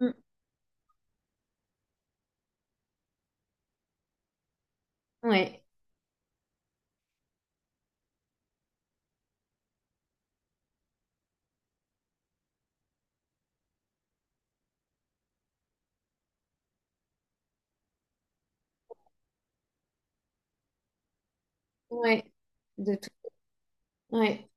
Mm. Ouais, ouais, de tout. Ouais.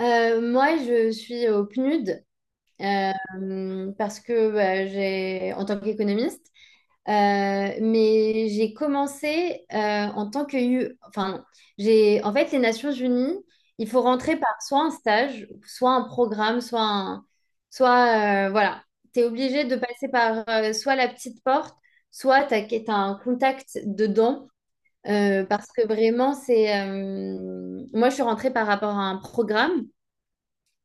Moi, je suis au PNUD, parce que bah, j'ai, en tant qu'économiste, euh, mais j'ai commencé en tant que U. Enfin, j'ai, en fait, les Nations Unies, il faut rentrer par soit un stage, soit un programme, soit un, soit voilà, t'es obligé de passer par soit la petite porte, soit t'as un contact dedans. Parce que vraiment, c'est... moi, je suis rentrée par rapport à un programme,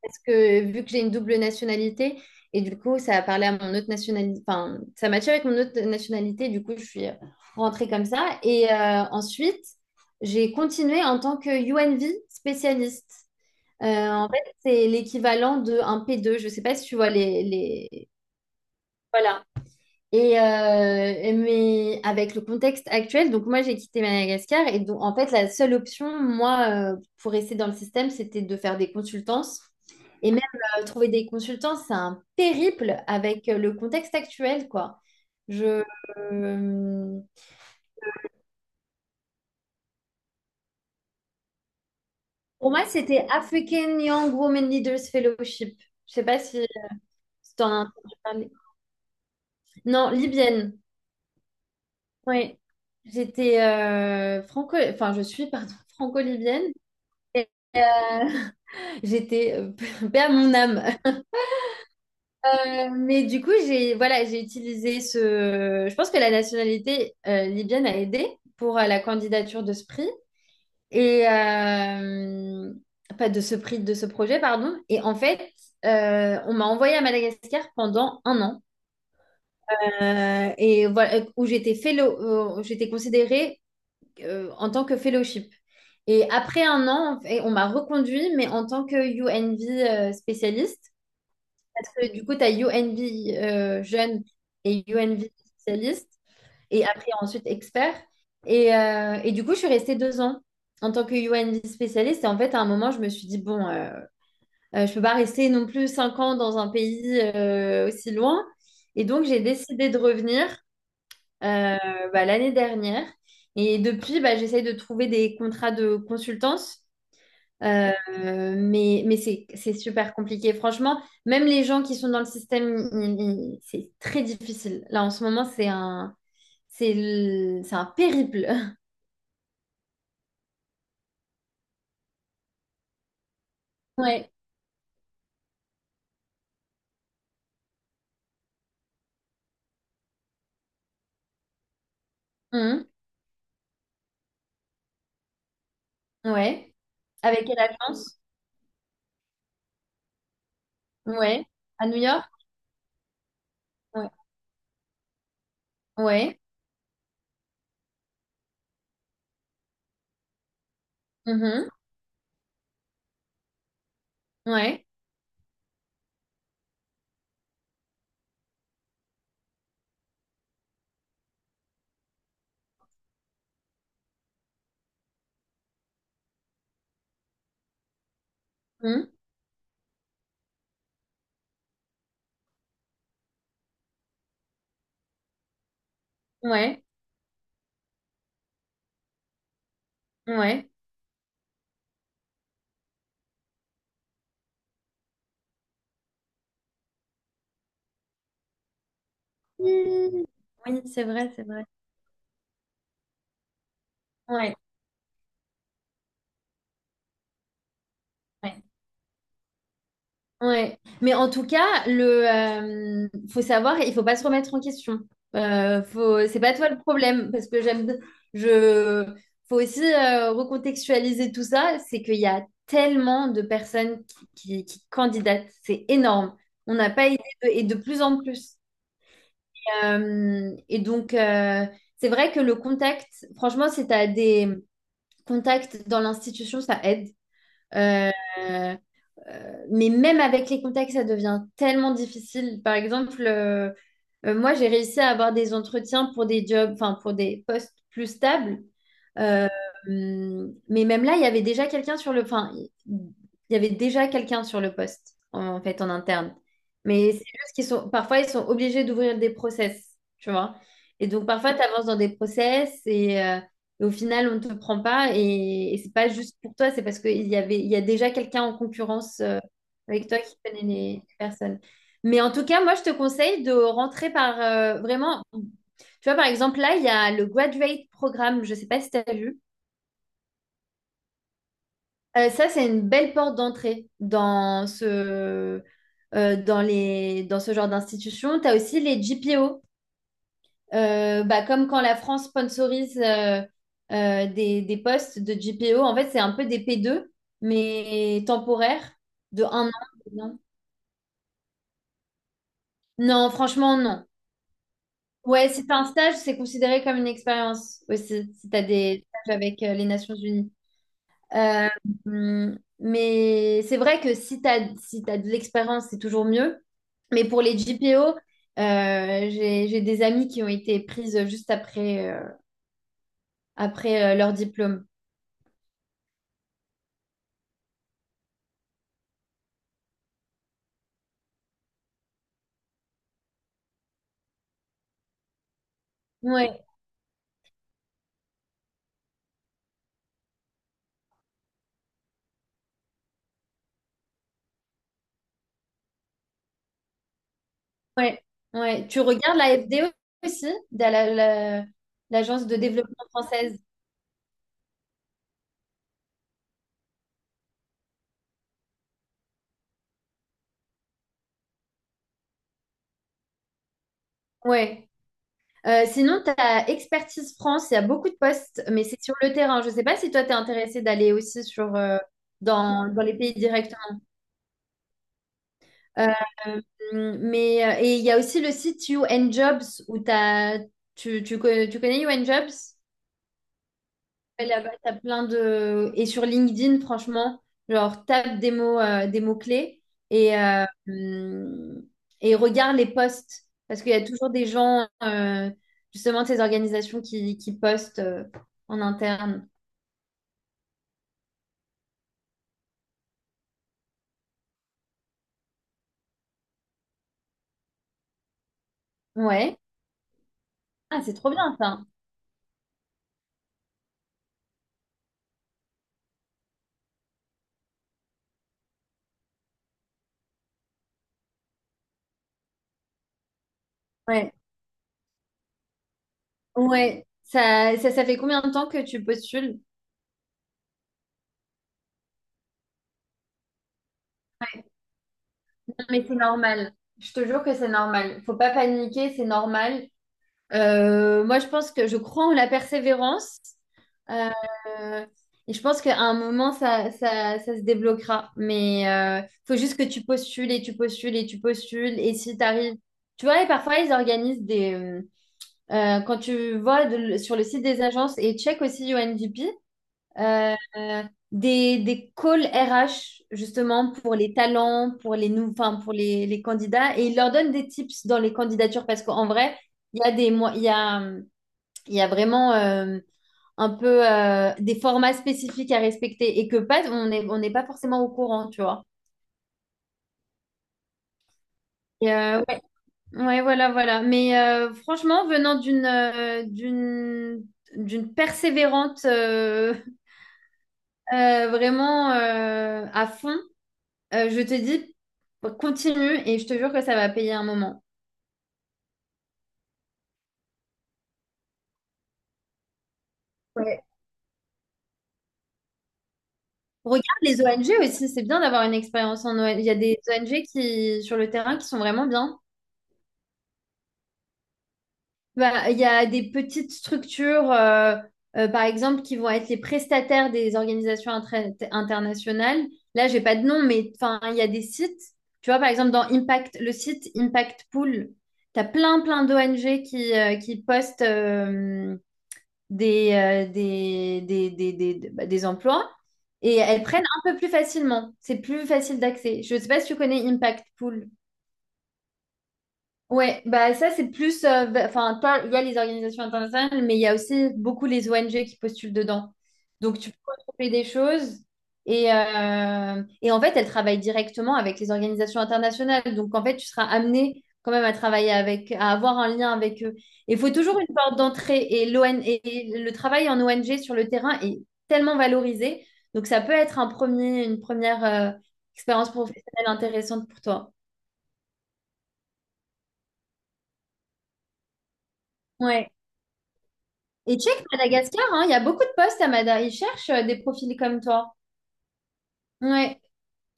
parce que vu que j'ai une double nationalité, et du coup, ça a parlé à mon autre nationalité. Enfin, ça matchait avec mon autre nationalité, du coup, je suis rentrée comme ça. Et ensuite, j'ai continué en tant que UNV spécialiste. En fait, c'est l'équivalent d'un p deux. Je ne sais pas si tu vois les... Voilà, et mais avec le contexte actuel, donc moi j'ai quitté Madagascar. Et donc en fait la seule option, moi, pour rester dans le système, c'était de faire des consultances. Et même trouver des consultants, c'est un périple avec le contexte actuel, quoi. Je, euh, pour moi, c'était African Young Women Leaders Fellowship. Je sais pas si tu as entendu parler. Non, libyenne. Oui. J'étais franco, enfin je suis, pardon, franco-libyenne. Et, euh, j'étais père mon âme. Mais du coup, j'ai voilà, j'ai utilisé ce... Je pense que la nationalité libyenne a aidé pour la candidature de ce prix et pas de ce prix, de ce projet, pardon. Et en fait, on m'a envoyée à Madagascar pendant 1 an. Et voilà où j'étais fellow, j'étais considérée en tant que fellowship. Et après 1 an, en fait, on m'a reconduit, mais en tant que UNV spécialiste. Du coup, tu as UNB jeune et UNB spécialiste, et après ensuite expert. Et du coup, je suis restée 2 ans en tant que UNB spécialiste. Et en fait, à un moment, je me suis dit, bon, je peux pas rester non plus 5 ans dans un pays aussi loin. Et donc, j'ai décidé de revenir, euh, bah, l'année dernière. Et depuis, bah, j'essaye de trouver des contrats de consultance. Euh, mais c'est super compliqué. Franchement, même les gens qui sont dans le système, c'est très difficile. Là, en ce moment, c'est un périple. Ouais. Mhm. Ouais. Avec quelle agence? Ouais. À New York? Ouais. Ouais. Mhm. Ouais. Mhm. Ouais. Ouais. Mhm. Oui, c'est vrai, c'est vrai. Ouais. Ouais. Mais en tout cas, le faut savoir, il faut pas se remettre en question. Faut, c'est pas toi le problème, parce que je, faut aussi recontextualiser tout ça. C'est qu'il y a tellement de personnes qui candidatent, c'est énorme. On n'a pas idée et de plus en plus. Et donc, c'est vrai que le contact, franchement, si tu as des contacts dans l'institution, ça aide. Euh, mais même avec les contacts, ça devient tellement difficile. Par exemple, moi, j'ai réussi à avoir des entretiens pour des jobs, enfin pour des postes plus stables. Euh, mais même là, il y avait déjà quelqu'un sur le, enfin, il y avait déjà quelqu'un sur le poste, en fait, en interne. Mais c'est juste qu'ils sont, parfois, ils sont obligés d'ouvrir des process, tu vois. Et donc parfois, tu avances dans des process et au final, on ne te prend pas. Et c'est pas juste pour toi, c'est parce il y a déjà quelqu'un en concurrence, avec toi qui connais les personnes. Mais en tout cas, moi, je te conseille de rentrer par vraiment. Tu vois, par exemple, là, il y a le Graduate Programme. Je ne sais pas si tu as vu. Ça, c'est une belle porte d'entrée dans ce, dans les, dans ce genre d'institution. Tu as aussi les GPO. Bah, comme quand la France sponsorise des postes de GPO. En fait, c'est un peu des P2, mais temporaires, de 1 an. 2 ans. Non, franchement, non. Ouais, si t'as un stage, c'est considéré comme une expérience aussi, si t'as des stages avec les Nations Unies. Euh, mais c'est vrai que si t'as de l'expérience, c'est toujours mieux. Mais pour les GPO, j'ai des amis qui ont été prises juste après, leur diplôme. Ouais, ouais, ouais. Tu regardes la FDE aussi, de la- la- l'agence de développement française. Ouais. Sinon, tu as Expertise France, il y a beaucoup de postes, mais c'est sur le terrain. Je ne sais pas si toi, tu es intéressé d'aller aussi sur, dans les pays directement. Euh, et il y a aussi le site You and Jobs où tu connais You and Jobs? Ouais, là-bas, t'as plein de... Et sur LinkedIn, franchement, genre, tape des mots, des mots-clés et, euh, hum, et regarde les posts. Parce qu'il y a toujours des gens, justement, de ces organisations qui postent en interne. Ouais. Ah, c'est trop bien, ça. Ouais. Ouais. Ça fait combien de temps que tu postules? Ouais. Non, mais c'est normal. Je te jure que c'est normal. Faut pas paniquer, c'est normal. Moi, je pense que je crois en la persévérance. Euh, et je pense qu'à un moment, ça se débloquera. Mais faut juste que tu postules et tu postules et tu postules. Et si tu arrives... Tu vois, et parfois, ils organisent des... Quand tu vois sur le site des agences, et check aussi UNDP, euh, des calls RH, justement, pour les talents, enfin, pour les candidats. Et ils leur donnent des tips dans les candidatures parce qu'en vrai, il y a des, mo- il y a, il y a vraiment un peu des formats spécifiques à respecter et que pas, on n'est pas forcément au courant, tu vois. Ouais, ouais, voilà, voilà. Mais franchement, venant d'une d'une persévérante vraiment à fond. Je te dis, continue et je te jure que ça va payer un moment. Ouais. Regarde les ONG aussi, c'est bien d'avoir une expérience en ONG. Il y a des ONG qui, sur le terrain, qui sont vraiment bien. Bah, il y a des petites structures, par exemple, qui vont être les prestataires des organisations internationales. Là, j'ai pas de nom, mais enfin, il y a des sites. Tu vois, par exemple, dans Impact, le site Impact Pool, tu as plein d'ONG qui postent des, bah, des emplois, et elles prennent un peu plus facilement. C'est plus facile d'accès. Je ne sais pas si tu connais Impact Pool. Ouais, bah ça c'est plus, enfin toi, il y a les organisations internationales, mais il y a aussi beaucoup les ONG qui postulent dedans. Donc tu peux retrouver des choses et en fait elles travaillent directement avec les organisations internationales. Donc en fait tu seras amené quand même à travailler avec, à avoir un lien avec eux. Il faut toujours une porte d'entrée, et l'ON et le travail en ONG sur le terrain est tellement valorisé. Donc ça peut être une première expérience professionnelle intéressante pour toi. Et check Madagascar, hein, il y a beaucoup de postes à Madagascar. Ils cherchent des profils comme toi. Ouais,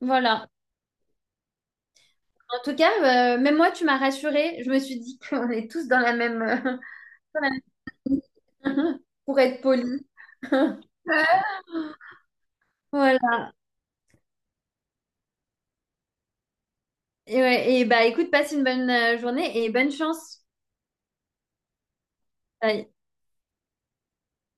voilà. En tout cas, même moi, tu m'as rassurée. Je me suis dit qu'on est tous dans la même, dans la même- pour être poli. Voilà. Ouais, et bah écoute, passe une bonne journée et bonne chance. Bye.